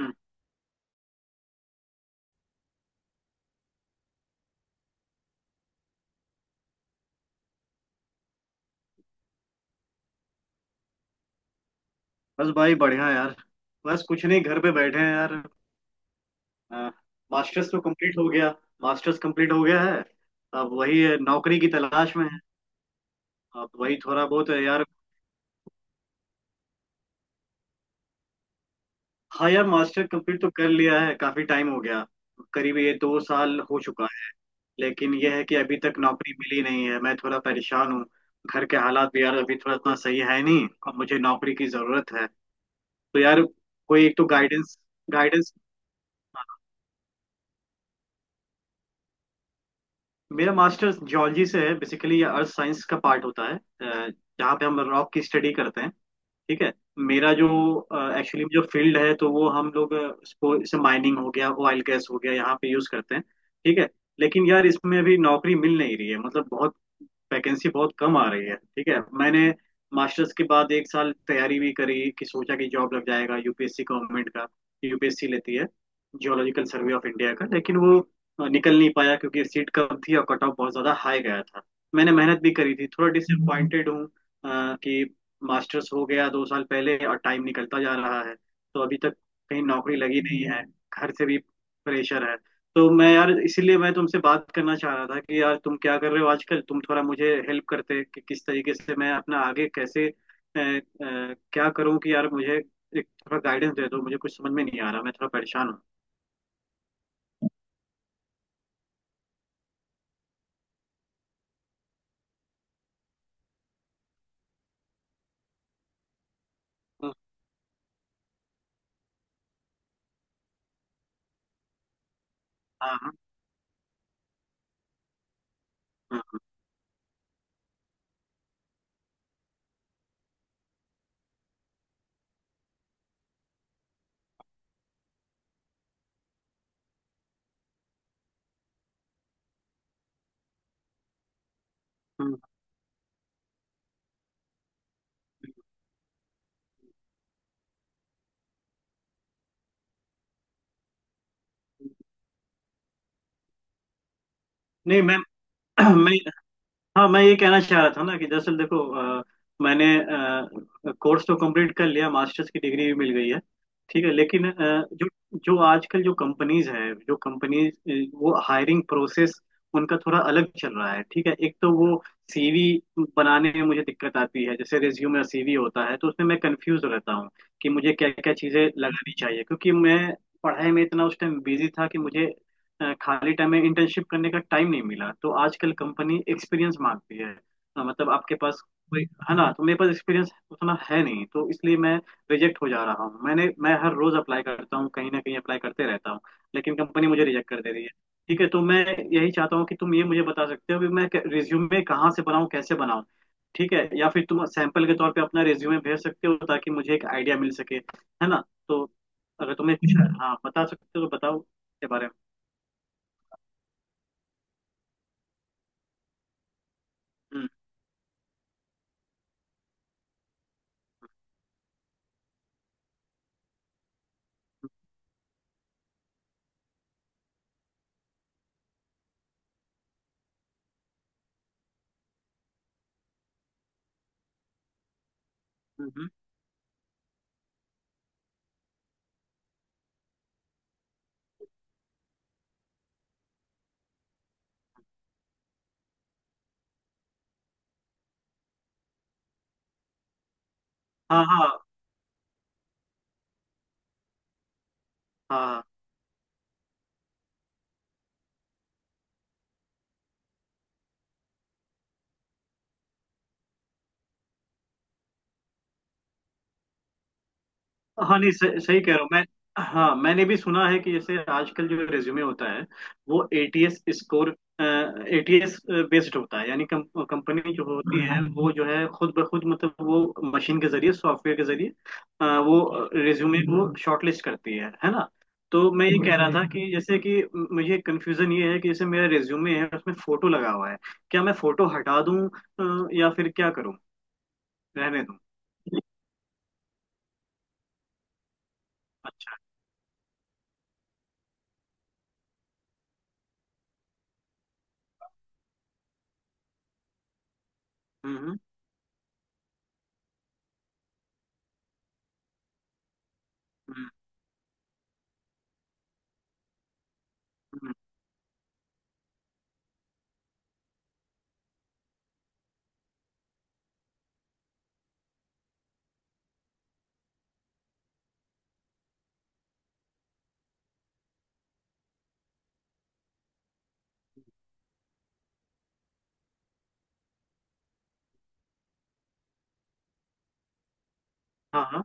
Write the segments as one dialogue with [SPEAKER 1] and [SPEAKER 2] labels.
[SPEAKER 1] हम्म, बस भाई बढ़िया यार। बस कुछ नहीं, घर पे बैठे हैं यार। आ, मास्टर्स तो कंप्लीट हो गया। मास्टर्स कंप्लीट हो गया है। अब वही है, नौकरी की तलाश में है। अब वही थोड़ा बहुत है यार। हाँ यार, मास्टर कंप्लीट तो कर लिया है, काफी टाइम हो गया। करीब ये दो साल हो चुका है। लेकिन यह है कि अभी तक नौकरी मिली नहीं है, मैं थोड़ा परेशान हूँ। घर के हालात भी यार अभी थोड़ा इतना सही है नहीं, और मुझे नौकरी की जरूरत है। तो यार, कोई एक तो गाइडेंस, गाइडेंस। मेरा मास्टर्स जियोलॉजी से है। बेसिकली ये अर्थ साइंस का पार्ट होता है, जहाँ पे हम रॉक की स्टडी करते हैं। ठीक है। मेरा जो एक्चुअली जो फील्ड है तो वो हम लोग उसको जैसे माइनिंग हो गया, ऑयल गैस हो गया, यहाँ पे यूज करते हैं। ठीक है। लेकिन यार इसमें अभी नौकरी मिल नहीं रही है, मतलब बहुत वैकेंसी बहुत कम आ रही है। ठीक है। मैंने मास्टर्स के बाद एक साल तैयारी भी करी कि सोचा कि जॉब लग जाएगा, यूपीएससी गवर्नमेंट का। यूपीएससी लेती है जियोलॉजिकल सर्वे ऑफ इंडिया का, लेकिन वो निकल नहीं पाया, क्योंकि सीट कम थी और कट ऑफ बहुत ज्यादा हाई गया था। मैंने मेहनत भी करी थी, थोड़ा डिसअपॉइंटेड हूँ कि मास्टर्स हो गया दो साल पहले और टाइम निकलता जा रहा है, तो अभी तक कहीं नौकरी लगी नहीं है। घर से भी प्रेशर है। तो मैं यार इसीलिए मैं तुमसे बात करना चाह रहा था कि यार तुम क्या कर रहे हो आजकल, तुम थोड़ा मुझे हेल्प करते कि किस तरीके से मैं अपना आगे कैसे क्या करूं, कि यार मुझे एक थोड़ा गाइडेंस दे दो, मुझे कुछ समझ में नहीं आ रहा, मैं थोड़ा परेशान हूँ। हाँ, हाँ हाँ, हाँ, हाँ। नहीं मैं मैं, हाँ मैं ये कहना चाह रहा था ना कि दरअसल देखो, अ, मैंने कोर्स तो कंप्लीट कर लिया, मास्टर्स की डिग्री भी मिल गई है। ठीक है, लेकिन जो जो आजकल जो कंपनीज हैं, जो कंपनीज, वो हायरिंग प्रोसेस उनका थोड़ा अलग चल रहा है। ठीक है। एक तो वो सीवी बनाने में मुझे दिक्कत आती है, जैसे रिज्यूमे और सीवी होता है तो उसमें मैं कंफ्यूज रहता हूँ कि मुझे क्या क्या चीज़ें लगानी चाहिए, क्योंकि मैं पढ़ाई में इतना उस टाइम बिजी था कि मुझे खाली टाइम में इंटर्नशिप करने का टाइम नहीं मिला। तो आजकल कंपनी एक्सपीरियंस मांगती है, मतलब आपके पास कोई, है ना, तो मेरे पास एक्सपीरियंस उतना है नहीं, तो इसलिए मैं रिजेक्ट हो जा रहा हूँ। मैं हर रोज अप्लाई करता हूँ, कहीं ना कहीं अप्लाई करते रहता हूँ, लेकिन कंपनी मुझे रिजेक्ट कर दे रही है। ठीक है। तो मैं यही चाहता हूँ कि तुम ये मुझे बता सकते हो कि मैं रिज्यूमे कहाँ से बनाऊँ, कैसे बनाऊँ। ठीक है, या फिर तुम सैंपल के तौर पे अपना रिज्यूमे भेज सकते हो ताकि मुझे एक आइडिया मिल सके, है ना। तो अगर तुम्हें कुछ हाँ बता सकते हो तो बताओ के बारे में। हम्म। हम्म, हाँ हाँ। हाँ हाँ, नहीं सही, सही कह रहा हूँ मैं। हाँ मैंने भी सुना है कि जैसे आजकल जो रेज्यूमे होता है वो एटीएस स्कोर, एटीएस बेस्ड होता है, यानी कम, कंपनी जो होती है वो जो है खुद ब खुद, मतलब वो मशीन के जरिए, सॉफ्टवेयर के जरिए वो रेज्यूमे को शॉर्टलिस्ट करती है ना। तो मैं ये कह रहा था कि जैसे कि मुझे कंफ्यूजन ये है कि जैसे मेरा रेज्यूमे है उसमें फोटो लगा हुआ है, क्या मैं फोटो हटा दूं, या फिर क्या करूं, रहने दूं। अच्छा। हम्म हम्म। हम्म, हम्म, हाँ हाँ।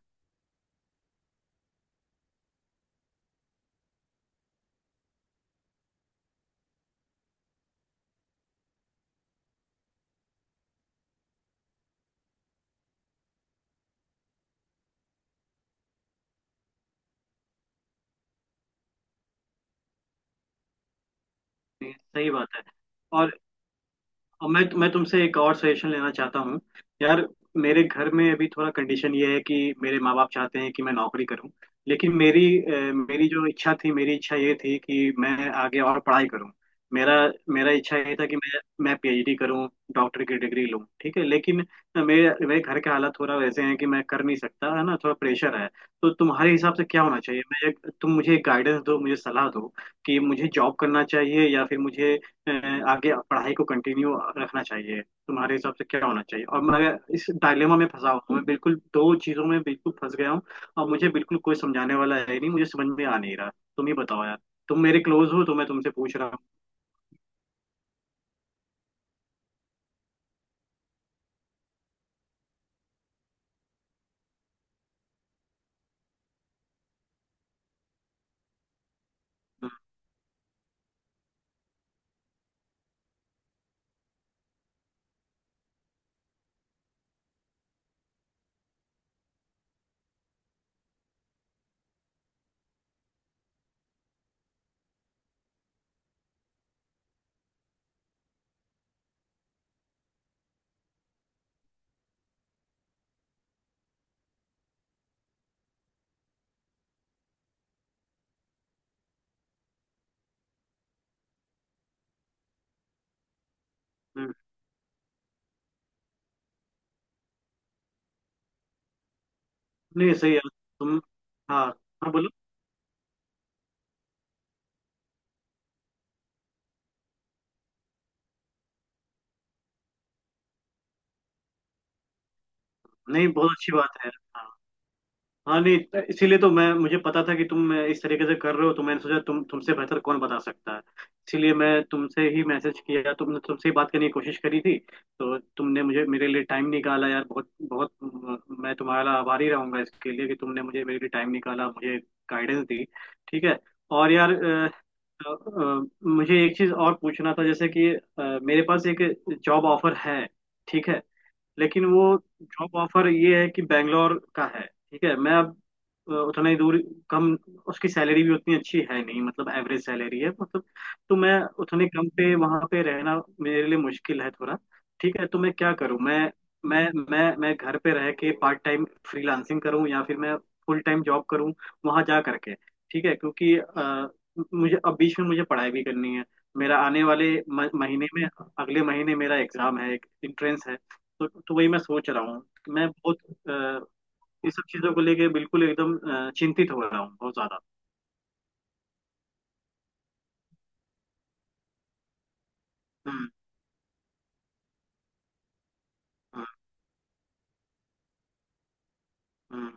[SPEAKER 1] ये सही बात है। और और मैं तुमसे एक और सजेशन लेना चाहता हूँ यार। मेरे घर में अभी थोड़ा कंडीशन ये है कि मेरे माँ बाप चाहते हैं कि मैं नौकरी करूँ, लेकिन मेरी जो इच्छा थी, मेरी इच्छा ये थी कि मैं आगे और पढ़ाई करूँ। मेरा मेरा इच्छा ये था कि मैं पीएचडी करूँ, डॉक्टर की डिग्री लूँ। ठीक है, लेकिन मेरे मेरे घर के हालात थोड़ा वैसे हैं कि मैं कर नहीं सकता, है ना, थोड़ा प्रेशर है। तो तुम्हारे हिसाब से क्या होना चाहिए, मैं एक, तुम मुझे एक गाइडेंस दो, मुझे सलाह दो कि मुझे जॉब करना चाहिए या फिर मुझे अ, आगे पढ़ाई को कंटिन्यू रखना चाहिए। तुम्हारे हिसाब से क्या होना चाहिए, और मैं इस डायलेमा में फंसा हुआ हूँ, मैं बिल्कुल दो चीजों में बिल्कुल फंस गया हूँ, और मुझे बिल्कुल कोई समझाने वाला है नहीं, मुझे समझ में आ नहीं रहा। तुम ही बताओ यार, तुम मेरे क्लोज हो तो मैं तुमसे पूछ रहा हूँ। हम्म, हम्म। नहीं सही है। तुम, हाँ, हाँ बोलो। नहीं बहुत अच्छी बात है। हाँ, हाँ, नहीं, तो इसीलिए तो मैं, मुझे पता था कि तुम इस तरीके से कर रहे हो, तो मैंने सोचा तुमसे बेहतर कौन बता सकता है। इसीलिए मैं तुमसे ही मैसेज किया, तुमने, तुमसे ही बात करने की कोशिश करी थी। तो तुमने मुझे मेरे लिए टाइम निकाला यार, बहुत बहुत मैं तुम्हारा आभारी रहूंगा इसके लिए कि तुमने मुझे, मेरे लिए टाइम निकाला, मुझे गाइडेंस दी। ठीक है। और यार, मुझे एक चीज़ और पूछना था, जैसे कि मेरे पास एक जॉब ऑफर है। ठीक है, लेकिन वो जॉब ऑफर ये है कि बैंगलोर का है। ठीक है। मैं अब उतना ही दूर, कम, उसकी सैलरी भी उतनी अच्छी है नहीं, मतलब एवरेज सैलरी है, मतलब। तो मैं उतने कम पे वहां पे रहना मेरे लिए मुश्किल है थोड़ा। ठीक है। तो मैं क्या करूं, मैं मैं घर पे रह के पार्ट टाइम फ्रीलांसिंग करूं या फिर मैं फुल टाइम जॉब करूं वहां जा करके। ठीक है। क्योंकि मुझे अब बीच में मुझे पढ़ाई भी करनी है। मेरा आने वाले महीने में, अगले महीने मेरा एग्जाम है, एक एंट्रेंस है। तो वही मैं सोच रहा हूँ। मैं बहुत अ, इस सब चीजों को लेके बिल्कुल एकदम चिंतित हो रहा हूँ बहुत ज्यादा। हम्म, हम्म, हम्म।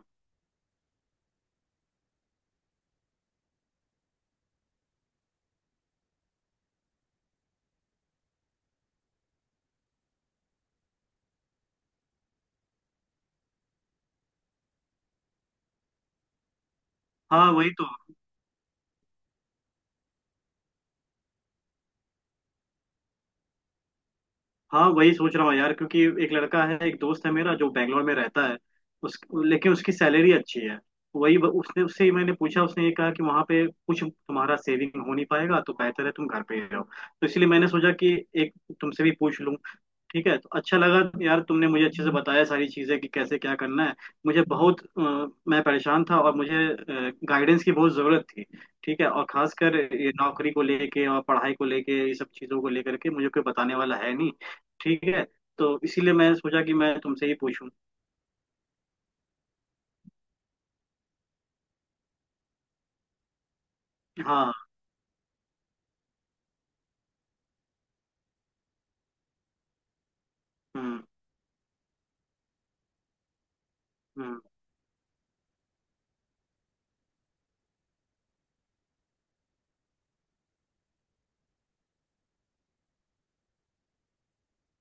[SPEAKER 1] हाँ वही तो। हाँ वही सोच रहा हूँ यार, क्योंकि एक लड़का है, एक दोस्त है मेरा जो बैंगलोर में रहता है। उस, लेकिन उसकी सैलरी अच्छी है। वही, उसने, उससे ही मैंने पूछा, उसने ये कहा कि वहां पे कुछ तुम्हारा सेविंग हो नहीं पाएगा, तो बेहतर है तुम घर पे ही रहो, तो इसलिए मैंने सोचा कि एक तुमसे भी पूछ लूँ। ठीक है, तो अच्छा लगा यार। तुमने मुझे अच्छे से बताया सारी चीज़ें कि कैसे क्या करना है। मुझे बहुत मैं परेशान था और मुझे गाइडेंस की बहुत ज़रूरत थी। ठीक है, और खासकर ये नौकरी को लेके और पढ़ाई को लेके, ये सब चीज़ों को लेकर के मुझे कोई बताने वाला है नहीं। ठीक है, तो इसीलिए मैं सोचा कि मैं तुमसे ही पूछूं। हाँ, हम्म, हम्म।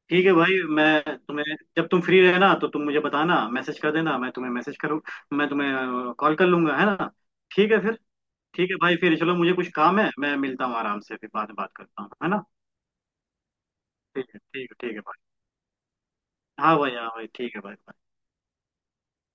[SPEAKER 1] ठीक है भाई, मैं तुम्हें, जब तुम फ्री रहना तो तुम मुझे बताना, मैसेज कर देना, मैं तुम्हें मैसेज करूँ, मैं तुम्हें कॉल कर लूंगा, है ना। ठीक है फिर। ठीक है भाई, फिर चलो, मुझे कुछ काम है, मैं मिलता हूँ आराम से, फिर बाद में बात करता हूँ, है ना। ठीक है, ठीक है, ठीक है भाई। हाँ भाई, हाँ भाई, ठीक है भाई।